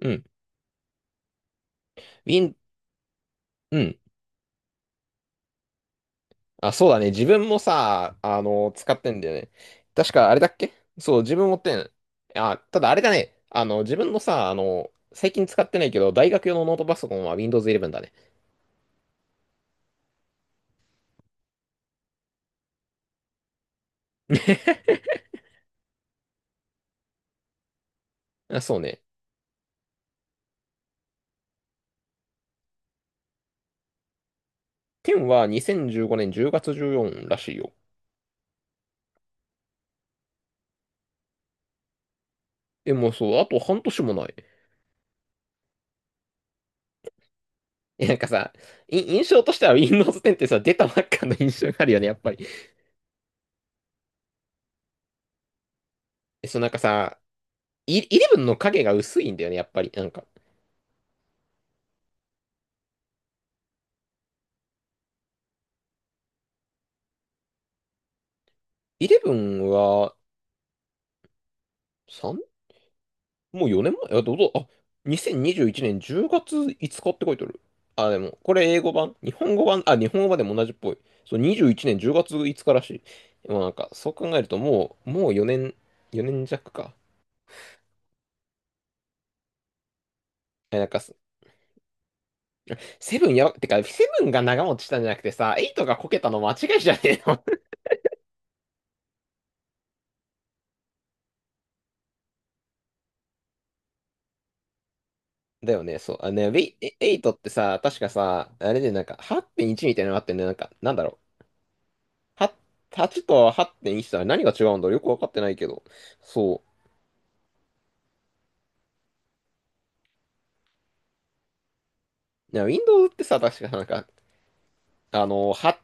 うん。Win、うん。あ、そうだね。自分もさ、使ってんだよね。確かあれだっけ？そう、自分持ってん。あ、ただあれだね。自分のさ、最近使ってないけど、大学用のノートパソコンは Windows 11だね。あ、そうね。10は2015年10月14らしいよ。え、もうそう、あと半年もない。え、なんかさ、印象としては Windows 10ってさ、出たばっかの印象があるよね、やっぱり。え、そう、なんかさ、11の影が薄いんだよね、やっぱり。なんか、11は、もう4年前、あ、どうぞ、あ、2021年10月5日って書いてある。あ、でも、これ英語版、日本語版、あ、日本語版でも同じっぽい。そう、21年10月5日らしい。でもなんか、そう考えるともう4年、4年弱か。え、なんか、セブンやば、てか、セブンが長持ちしたんじゃなくてさ、エイトがこけたの間違いじゃねえの？ だよね、そう。あね、エイトってさ、確かさ、あれでなんか、8.1みたいなのがあってね、なんか、なんだろう。は8と8.1とは何が違うんだろう、よくわかってないけど。そう。いや、Windows ってさ、確かなんか、あの、は、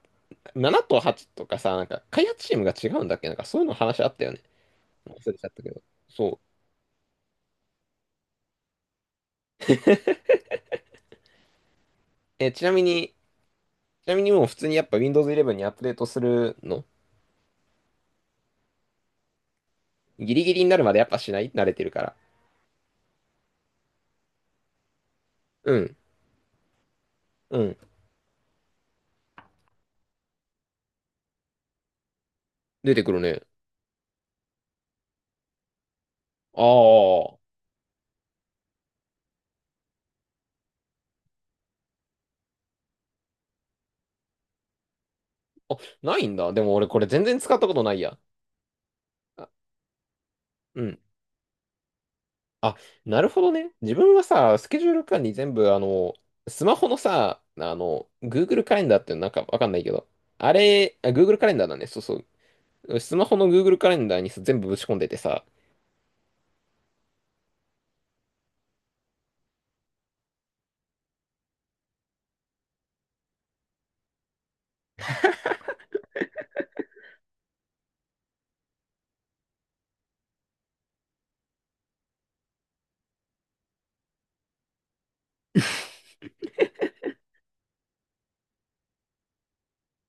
7と8とかさ、なんか、開発チームが違うんだっけ？なんか、そういうの話あったよね。忘れちゃったけど。そう。え、ちなみにもう普通にやっぱ Windows 11にアップデートするの？ギリギリになるまでやっぱしない、慣れてるから。うん。うん。出てくるね。ああ。あ、ないんだ。でも俺これ全然使ったことないや。あ、うん。あ、なるほどね。自分はさ、スケジュール管理全部、スマホのさ、Google カレンダーってなんかわかんないけど、あれ、あ Google カレンダーだね。そうそう。スマホの Google カレンダーにさ全部ぶち込んでてさ、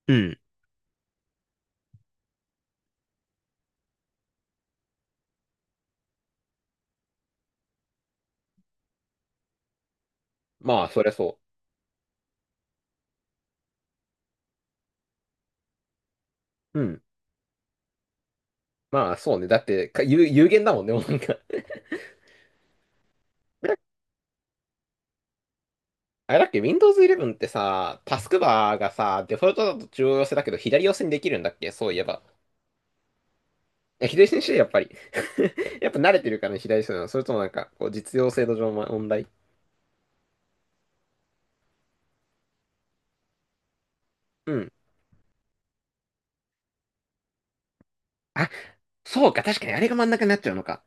うん。まあ、そりゃそう。うん。まあ、そうね。だって、有限だもんね、もうなんか。あれだっけ、Windows 11ってさ、タスクバーがさ、デフォルトだと中央寄せだけど、左寄せにできるんだっけ？そういえば。え、左にしてやっぱり？やっぱ慣れてるからね、左寄せなの。それともなんか、こう、実用性の上の問題？うん。あ、そうか、確かにあれが真ん中になっちゃうのか。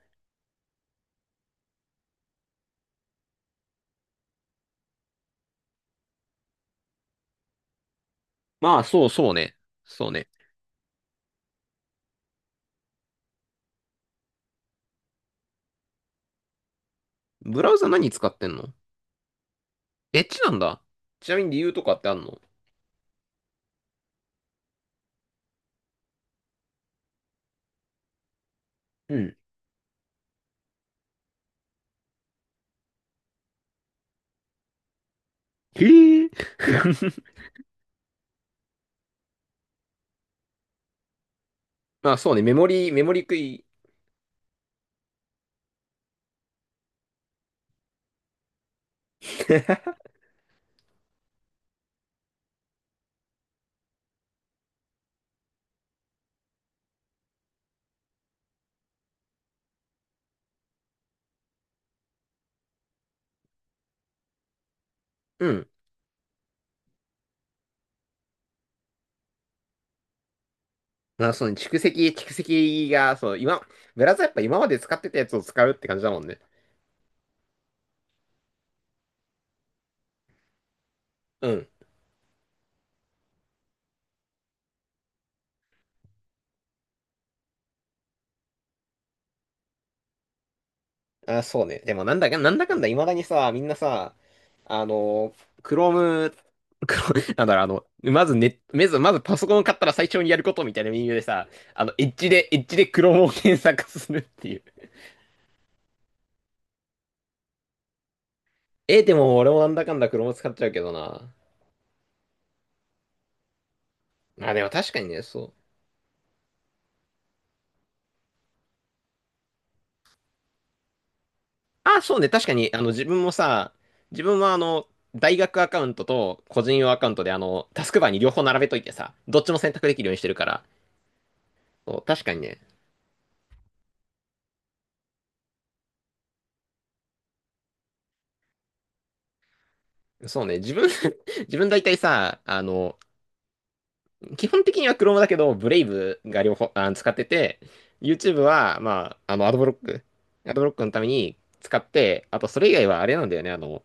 まあ、そうそうね。そうね。ブラウザ何使ってんの？エッジなんだ。ちなみに理由とかってあんの？うん。へえ。まあ、そうね。メモリメモリ食い。うん。まあ、そうね。蓄積が、そう、今、ブラウザやっぱ今まで使ってたやつを使うって感じだもんね。うん。あ、そうね。でもなんだかんだ未だにさ、みんなさ、あの、Chrome、Chrome なんだろう、まずね、まず、まずパソコンを買ったら最初にやることみたいな理由でさ、エッジで Chrome を検索するっていう。え、でも俺もなんだかんだ Chrome 使っちゃうけどな。まあ、でも確かにね、そう。あ、そうね、確かに、自分は大学アカウントと個人用アカウントで、タスクバーに両方並べといてさ、どっちも選択できるようにしてるから、そう、確かにね、そうね、自分 自分大体さ、基本的には Chrome だけど、ブレイブが両方、あ、使ってて、YouTube は、まあ、アドブロックのために使って、あと、それ以外はあれなんだよね、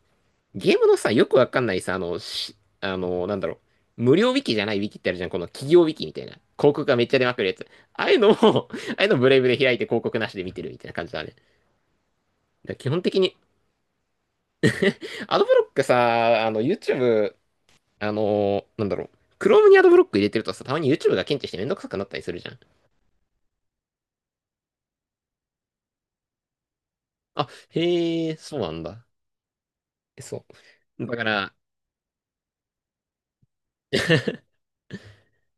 ゲームのさ、よくわかんないさ、あの、し、あの、なんだろう、無料ウィキじゃないウィキってあるじゃん、この企業ウィキみたいな。広告がめっちゃ出まくるやつ。ああいうのを ああいうのブレイブで開いて広告なしで見てるみたいな感じだね。だから基本的に、アドブロックさ、YouTube あのなんだろう。Chrome にアドブロック入れてるとさ、たまに YouTube が検知してめんどくさくなったりするじゃん。あ、へえ、そうなんだ。え、そう。だから、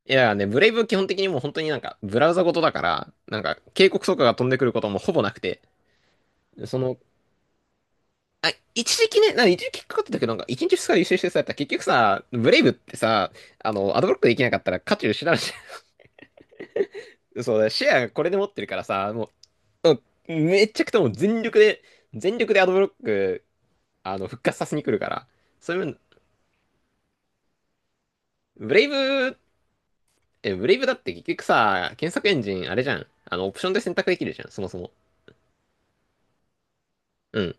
いやね、ブレイブ基本的にもう本当になんか、ブラウザごとだから、なんか、警告とかが飛んでくることもほぼなくて、その、あ、一時期ね、なんか一時期かかってたけど、なんか一日二日で優秀してさ、たら結局さ、ブレイブってさ、アドブロックできなかったら価値失うじゃん。そうだ、シェアがこれで持ってるからさ、もう、めっちゃくちゃもう全力でアドブロック、復活させに来るから、そういう面ブレイブ、え、ブレイブだって結局さ、検索エンジンあれじゃん。オプションで選択できるじゃん、そもそも。うん。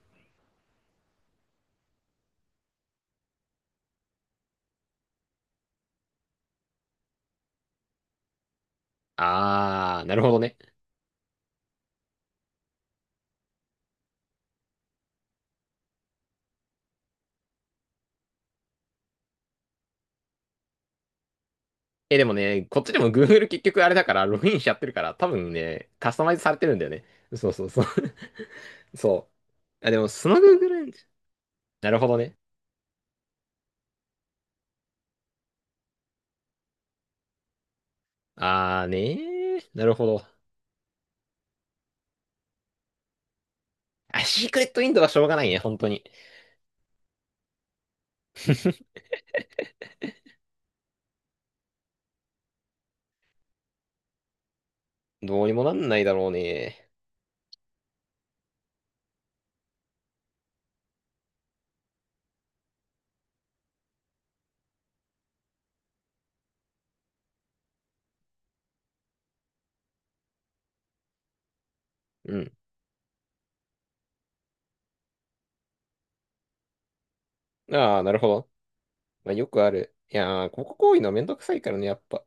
あー、なるほどね。え、でもね、こっちでも Google 結局あれだから、ログインしちゃってるから、多分ね、カスタマイズされてるんだよね。そうそうそう。そう。あ、でも、その Google エンジン。なるほどね。あーねー。なるほど。あ、シークレットインドはしょうがないね、本当に。どうにもなんないだろうね。うん。あー、なるほど。まあ、よくある。いやー、ここ行為のめんどくさいからね、やっぱ。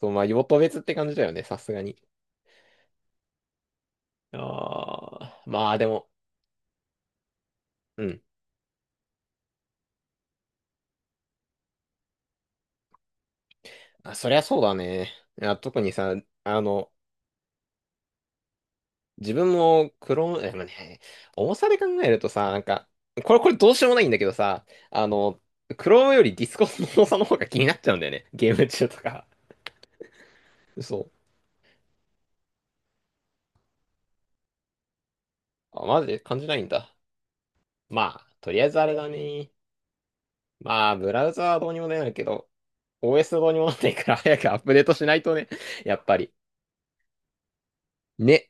そう、まあ、用途別って感じだよね、さすがに。ああ、まあでも、うん。あ、そりゃそうだね。いや特にさ、あの、自分もクローン、でもね、重さで考えるとさ、なんか、これどうしようもないんだけどさ、クロームよりディスコの重さの方が気になっちゃうんだよね。ゲーム中とか。そう。あ、マジで感じないんだ。まあ、とりあえずあれだね。まあ、ブラウザはどうにもなるけど、OS どうにもならないから早くアップデートしないとね、やっぱり。ね。